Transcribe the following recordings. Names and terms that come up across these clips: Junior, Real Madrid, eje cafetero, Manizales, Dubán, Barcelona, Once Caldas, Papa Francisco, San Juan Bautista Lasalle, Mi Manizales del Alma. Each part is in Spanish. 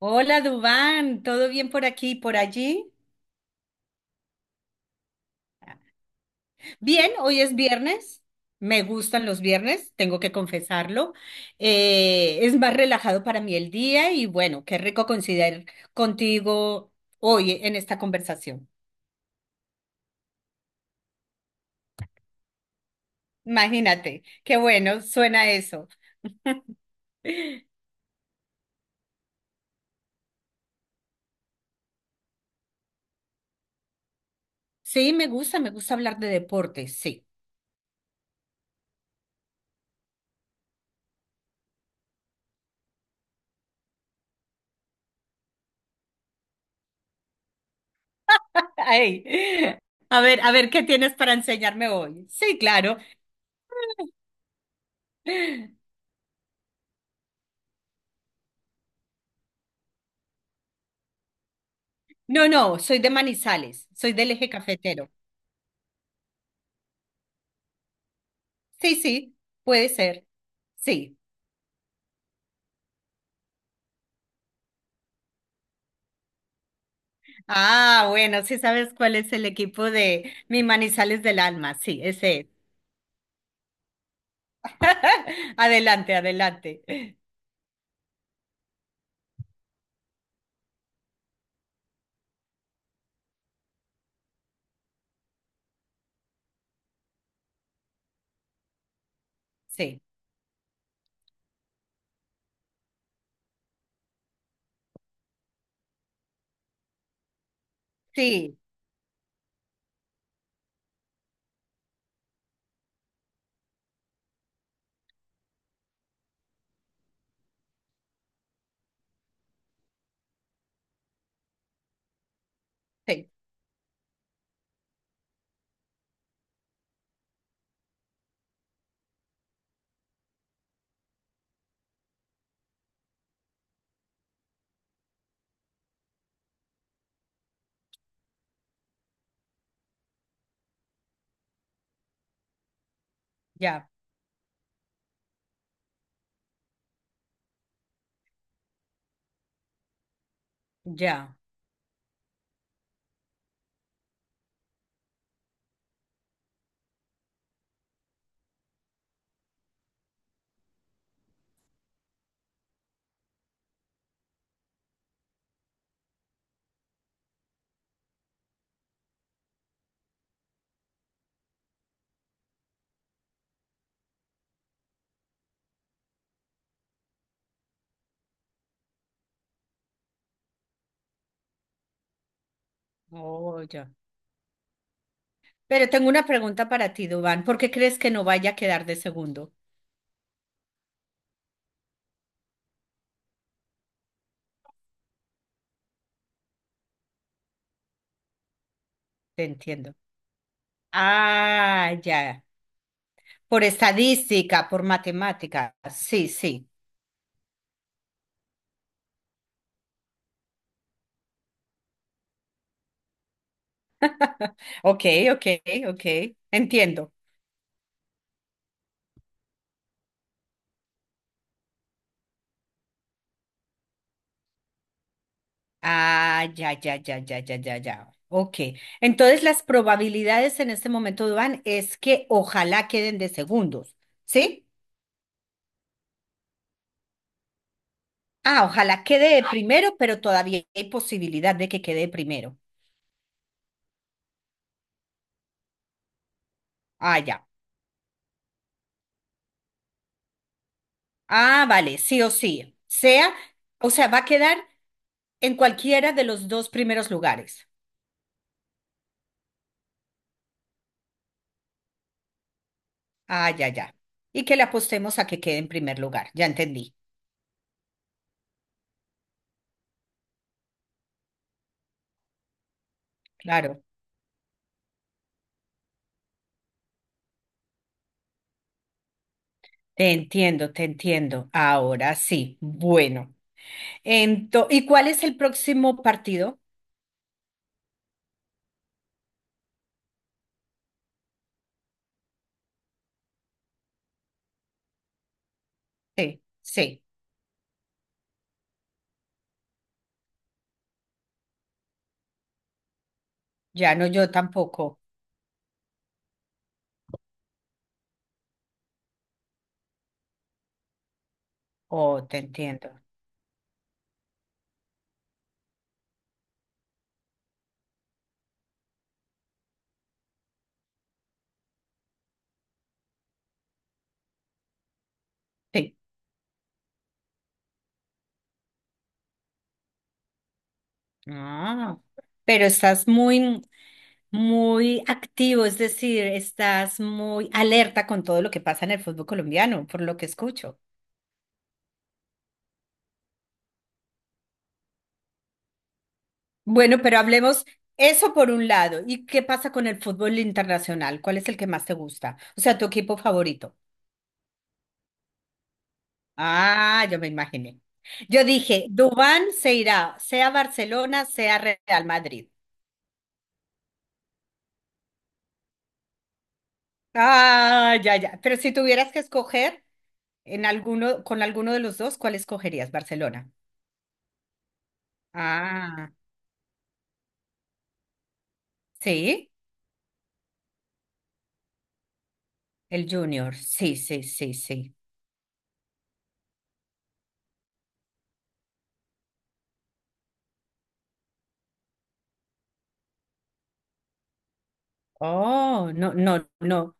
Hola, Dubán, ¿todo bien por aquí y por allí? Bien, hoy es viernes. Me gustan los viernes, tengo que confesarlo. Es más relajado para mí el día y bueno, qué rico coincidir contigo hoy en esta conversación. Imagínate, qué bueno, suena eso. Sí, me gusta hablar de deportes, sí. Ay, a ver, a ver, ¿qué tienes para enseñarme hoy? Sí, claro. No, no, soy de Manizales, soy del eje cafetero. Sí, sí, puede ser. Sí. Ah, bueno, sí sabes cuál es el equipo de Mi Manizales del Alma. Sí, ese es. Adelante, adelante. Sí, sí, sí. Ya, ya. Oh, ya. Pero tengo una pregunta para ti, Dubán. ¿Por qué crees que no vaya a quedar de segundo? Te entiendo. Ah, ya. Por estadística, por matemática. Sí, sí. Ok, ok, ok. Entiendo. Ah, ya, ya, ya, ya, ya, ya, ya. Ok. Entonces las probabilidades en este momento, Duan, es que ojalá queden de segundos, ¿sí? Ah, ojalá quede de primero, pero todavía hay posibilidad de que quede de primero. Ah, ya. Ah, vale, sí o sí. O sea, va a quedar en cualquiera de los dos primeros lugares. Ah, ya, ya. Y que le apostemos a que quede en primer lugar. Ya entendí. Claro. Te entiendo, te entiendo. Ahora sí. Bueno. ¿Y cuál es el próximo partido? Sí, sí, ya no yo tampoco. Oh, te entiendo. Sí. Ah, pero estás muy, muy activo, es decir, estás muy alerta con todo lo que pasa en el fútbol colombiano, por lo que escucho. Bueno, pero hablemos eso por un lado. ¿Y qué pasa con el fútbol internacional? ¿Cuál es el que más te gusta? O sea, tu equipo favorito. Ah, yo me imaginé. Yo dije, Dubán se irá, sea Barcelona, sea Real Madrid. Ah, ya, ya. Pero si tuvieras que escoger en alguno, con alguno de los dos, ¿cuál escogerías? Barcelona. Ah, sí, el Junior. Sí, sí, sí, sí. Oh, no, no, no,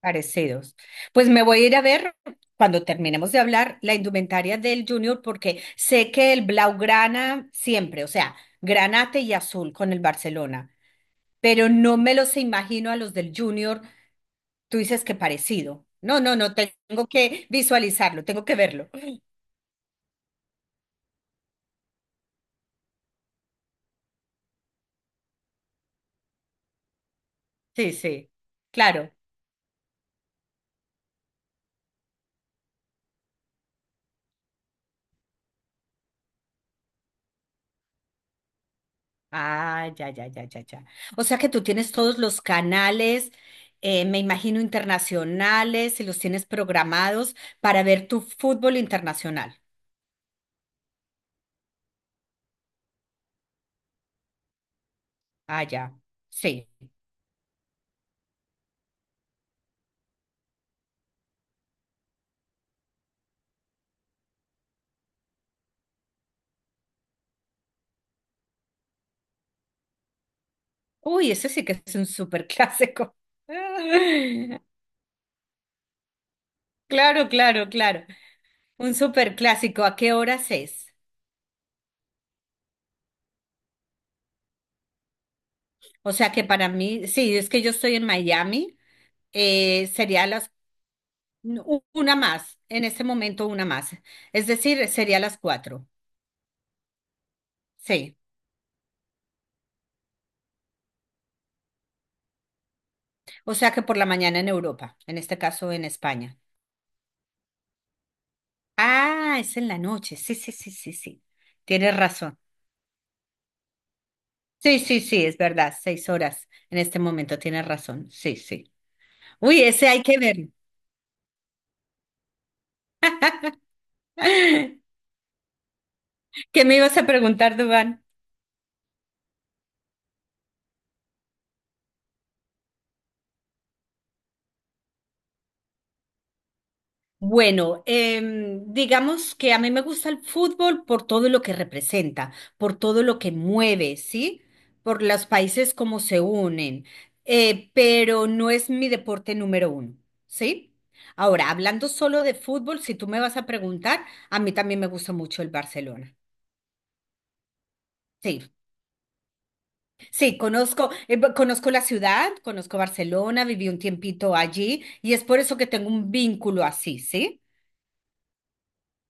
parecidos. Pues me voy a ir a ver cuando terminemos de hablar la indumentaria del Junior porque sé que el Blaugrana siempre, o sea, granate y azul con el Barcelona. Pero no me los imagino a los del Junior. Tú dices que parecido. No, no, no, tengo que visualizarlo, tengo que verlo. Sí, sí, claro. Ah, ya, ya, ya, ya, ya. O sea que tú tienes todos los canales, me imagino internacionales, y los tienes programados para ver tu fútbol internacional. Ah, ya, sí. Uy, ese sí que es un súper clásico. Claro, claro, claro. Un súper clásico. ¿A qué horas es? O sea que para mí, sí, es que yo estoy en Miami, sería las una más, en este momento una más. Es decir, sería las cuatro. Sí. O sea que por la mañana en Europa, en este caso en España. Ah, es en la noche. Sí, sí, sí, sí, sí. Tienes razón. Sí, sí, sí, es verdad. Seis horas en este momento, tienes razón. Sí, sí. Uy, ese hay que ver. ¿Qué me ibas a preguntar, Dubán? Bueno, digamos que a mí me gusta el fútbol por todo lo que representa, por todo lo que mueve, ¿sí? Por los países como se unen, pero no es mi deporte número uno, ¿sí? Ahora, hablando solo de fútbol, si tú me vas a preguntar, a mí también me gusta mucho el Barcelona. Sí, sí, conozco, conozco la ciudad, conozco Barcelona, viví un tiempito allí y es por eso que tengo un vínculo así, ¿sí?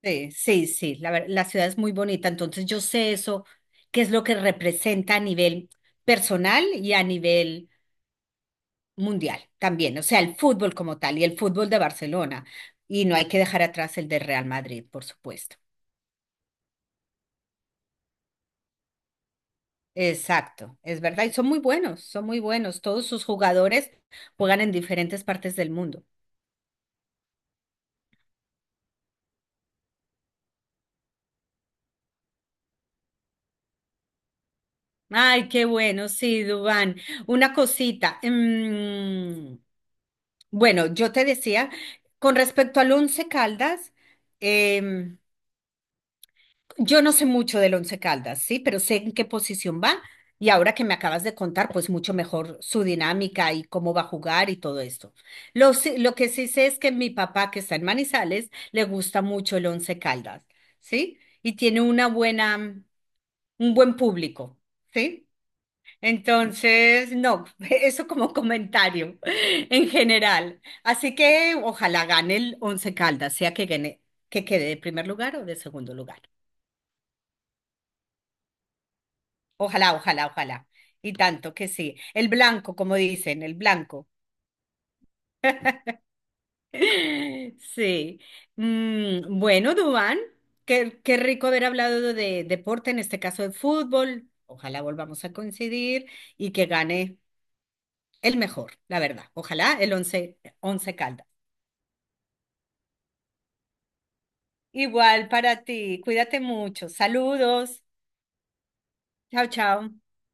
Sí, sí, sí, la ciudad es muy bonita, entonces yo sé eso, qué es lo que representa a nivel personal y a nivel mundial también, o sea, el fútbol como tal y el fútbol de Barcelona, y no hay que dejar atrás el de Real Madrid, por supuesto. Exacto, es verdad, y son muy buenos, todos sus jugadores juegan en diferentes partes del mundo. Ay, qué bueno, sí, Dubán. Una cosita. Bueno, yo te decía, con respecto al Once Caldas, em, yo no sé mucho del Once Caldas, sí, pero sé en qué posición va y ahora que me acabas de contar, pues mucho mejor su dinámica y cómo va a jugar y todo esto. Lo que sí sé es que mi papá, que está en Manizales, le gusta mucho el Once Caldas, ¿sí? Y tiene un buen público, ¿sí? Entonces, no, eso como comentario en general. Así que ojalá gane el Once Caldas, sea que gane, que quede de primer lugar o de segundo lugar. Ojalá, ojalá, ojalá. Y tanto que sí. El blanco, como dicen, el blanco. Sí. Bueno, Dubán, qué rico haber hablado de deporte, en este caso de fútbol. Ojalá volvamos a coincidir y que gane el mejor, la verdad. Ojalá el Once Caldas. Igual para ti. Cuídate mucho. Saludos. Chao, chao.